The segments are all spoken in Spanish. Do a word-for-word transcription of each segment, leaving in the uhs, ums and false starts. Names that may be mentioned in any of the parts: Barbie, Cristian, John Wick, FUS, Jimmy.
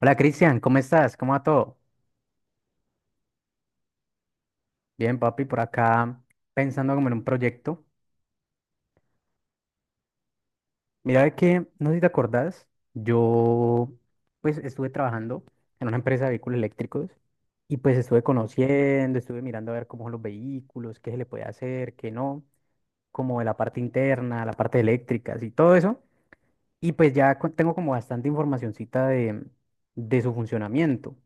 Hola Cristian, ¿cómo estás? ¿Cómo va todo? Bien, papi, por acá pensando como en un proyecto. Mira de que, no sé si te acordás, yo pues estuve trabajando en una empresa de vehículos eléctricos y pues estuve conociendo, estuve mirando a ver cómo son los vehículos, qué se le puede hacer, qué no, como de la parte interna, la parte eléctrica, y todo eso. Y pues ya co- tengo como bastante informacioncita de, de su funcionamiento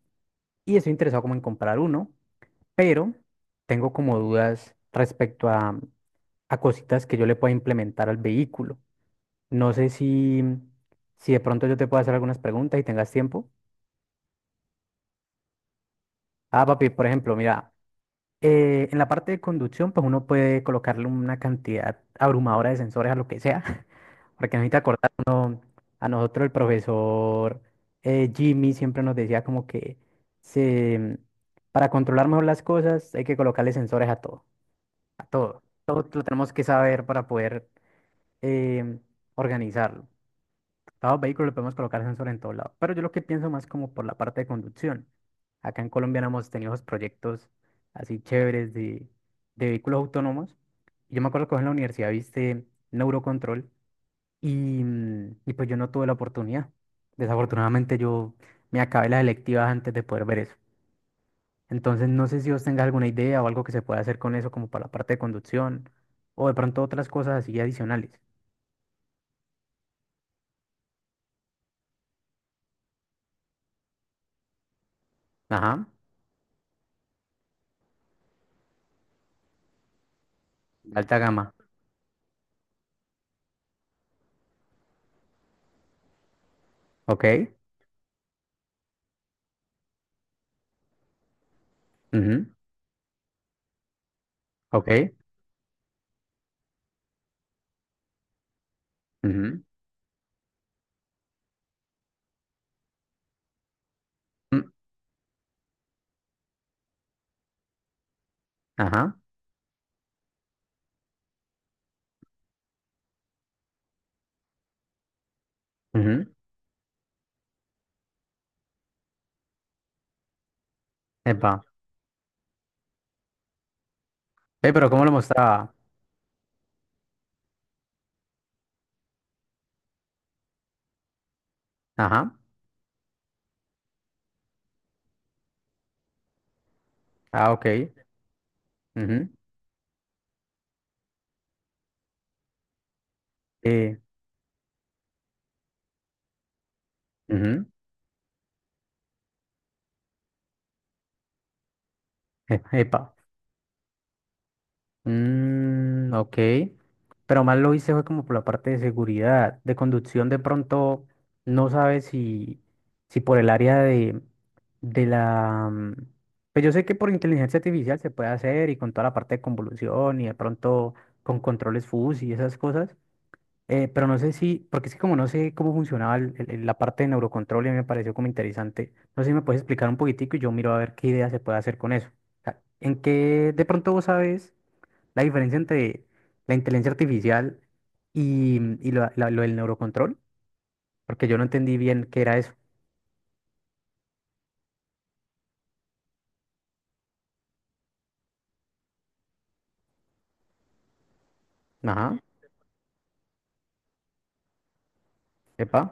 y estoy interesado como en comprar uno, pero tengo como dudas respecto a a cositas que yo le pueda implementar al vehículo. No sé si, si de pronto yo te puedo hacer algunas preguntas y tengas tiempo. Ah, papi, por ejemplo, mira, eh, en la parte de conducción, pues uno puede colocarle una cantidad abrumadora de sensores a lo que sea, porque no necesita acordar. A nosotros el profesor eh, Jimmy siempre nos decía como que se, para controlar mejor las cosas hay que colocarle sensores a todo, a todo. Todo lo tenemos que saber para poder em, organizarlo. Todo vehículo vehículos podemos colocar sensor en todo lado, pero yo lo que pienso más como por la parte de conducción. Acá en Colombia no hemos tenido esos proyectos así chéveres de, de vehículos autónomos. Y Yo me acuerdo que vos en la universidad viste neurocontrol y, mm, y pues yo no tuve la oportunidad. Desafortunadamente yo me acabé las electivas antes de poder ver eso. Entonces no sé si vos tengas alguna idea o algo que se pueda hacer con eso como para la parte de conducción o de pronto otras cosas así adicionales. Ajá, de alta gama. Ok. Ujú. Ok. Ujú. mm, Ajá. Ujú. Epa. Eh, pero ¿cómo lo mostraba? Ajá. Ah, ok. Ujú. eh, Ujú. e- Epa. Mm, ok. Pero más lo hice fue como por la parte de seguridad. De conducción de pronto no sabes si, si por el área de, de la... mm, Pues yo sé que por inteligencia artificial se puede hacer y con toda la parte de convolución y de pronto con controles F U S y esas cosas. Eh, pero no sé si, porque es que como no sé cómo funcionaba el- el- el- la parte de neurocontrol y me pareció como interesante, no sé si me puedes explicar un poquitico y yo miro a ver qué idea se puede hacer con eso. O sea, ¿en qué de pronto vos sabes la diferencia entre la inteligencia artificial y, y lo, la- lo del neurocontrol? Porque yo no entendí bien qué era eso. Ajá, epa,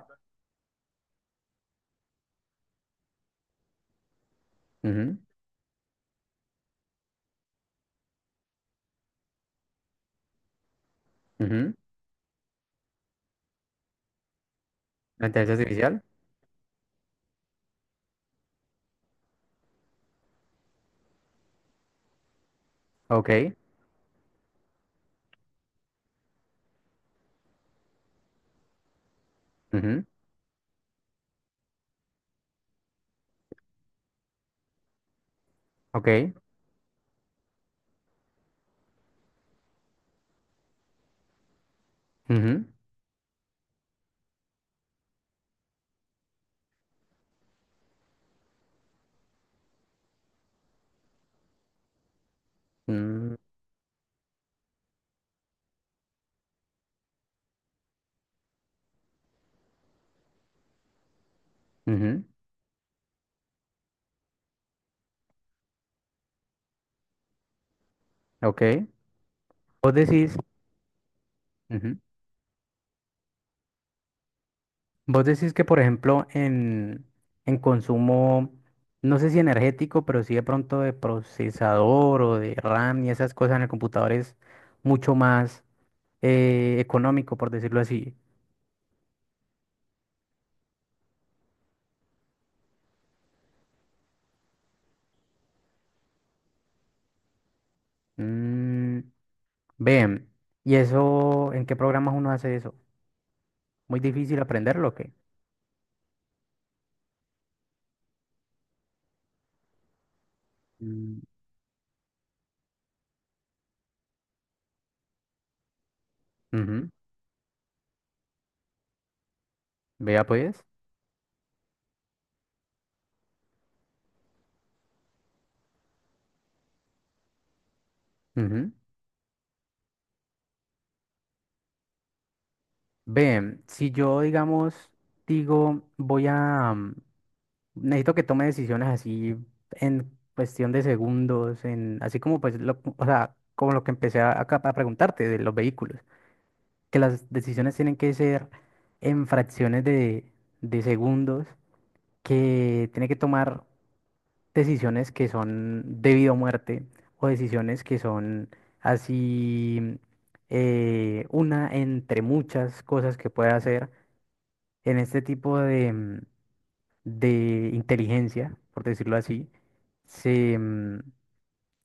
ujú, ujú. La inteligencia artificial, ok, ujú, ok, ujú, mm, ujú, ok. Vos decís... ujú. Vos decís que, por ejemplo, en, en consumo, no sé si energético, pero sí de pronto de procesador o de RAM y esas cosas en el computador es mucho más eh, económico, por decirlo así. Mm, ven, ¿y eso en qué programas uno hace eso? ¿Muy difícil aprenderlo o qué? Mm. Ujú. Vea pues. Ujú. Ven, si yo, digamos, digo, voy a, necesito que tome decisiones así en cuestión de segundos, en, así como pues lo, o sea, como lo que empecé a, acá a preguntarte de los vehículos, que las decisiones tienen que ser en fracciones de, de segundos, que tiene que tomar decisiones que son de vida o muerte, o decisiones que son así eh, una entre muchas cosas que puede hacer en este tipo de de inteligencia, por decirlo así, se, mm,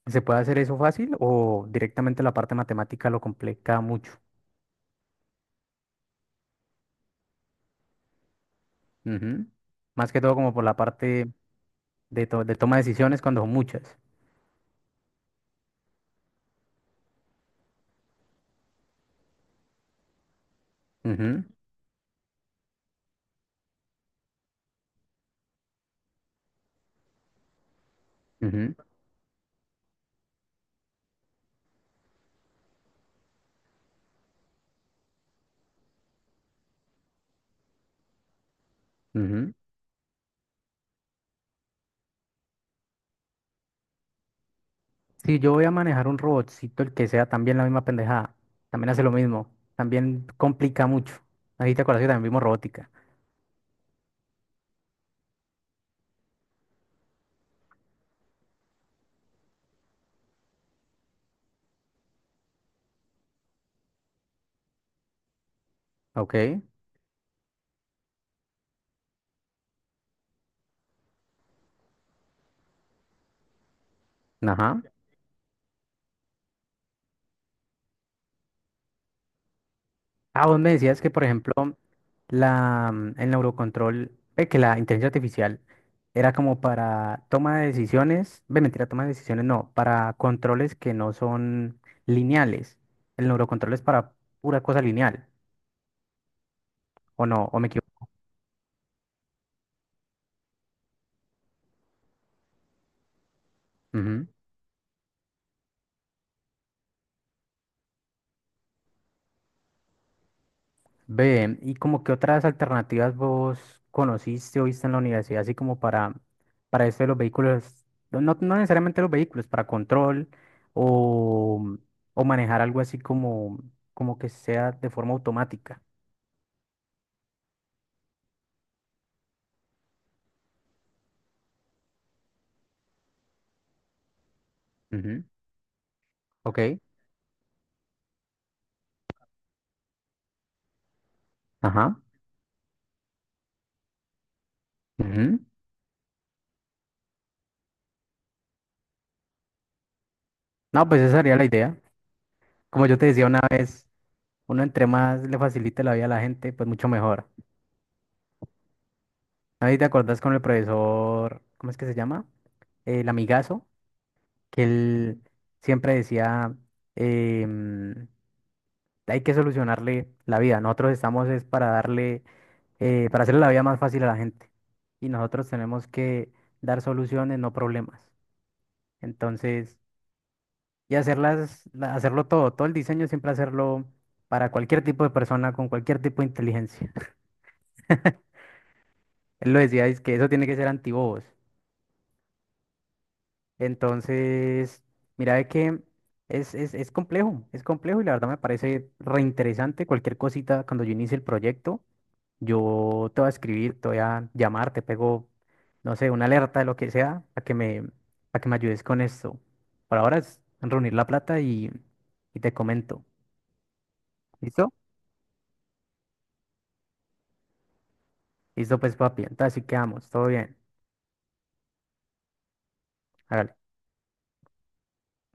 se puede hacer eso fácil o directamente la parte matemática lo complica mucho. Ujú. Más que todo como por la parte de, to- de toma de decisiones cuando son muchas. Ujú, ujú, ujú. Si yo voy a manejar un robotcito, el que sea también la misma pendejada, también hace lo mismo, también complica mucho. Ahí te acuerdas que también vimos robótica. Ok, ajá. Ah, vos me decías que, por ejemplo, la, mm, el neurocontrol, eh, que la inteligencia artificial era como para toma de decisiones, ve, mentira, toma de decisiones, no, para controles que no son lineales. El neurocontrol es para pura cosa lineal, ¿o no? ¿O me equivoco? Ve, ¿y como qué otras alternativas vos conociste o viste en la universidad, así como para, para esto de los vehículos, no, no no necesariamente los vehículos, para control o, o manejar algo así como, como que sea de forma automática? Ujú, ok, ajá. Ujú. No, pues esa sería la idea. Como yo te decía una vez, uno entre más le facilite la vida a la gente, pues mucho mejor. Ahí te acordás con el profesor, ¿cómo es que se llama? El amigazo. Que él siempre decía, em, hay que solucionarle la vida. Nosotros estamos es para darle, eh, para hacerle la vida más fácil a la gente. Y nosotros tenemos que dar soluciones, no problemas. Entonces, y hacerlas, la- hacerlo todo, todo el diseño siempre hacerlo para cualquier tipo de persona, con cualquier tipo de inteligencia. Él lo decía, es que eso tiene que ser antibobos. Entonces, mira de que es, es, es complejo, es complejo y la verdad me parece reinteresante cualquier cosita cuando yo inicie el proyecto. Yo te voy a escribir, te voy a llamar, te pego, no sé, una alerta de lo que sea, a que me, a que me ayudes con esto. Por ahora es reunir la plata y, y te comento. ¿Listo? Listo, pues papi. Entonces así quedamos. Todo bien. Hágale.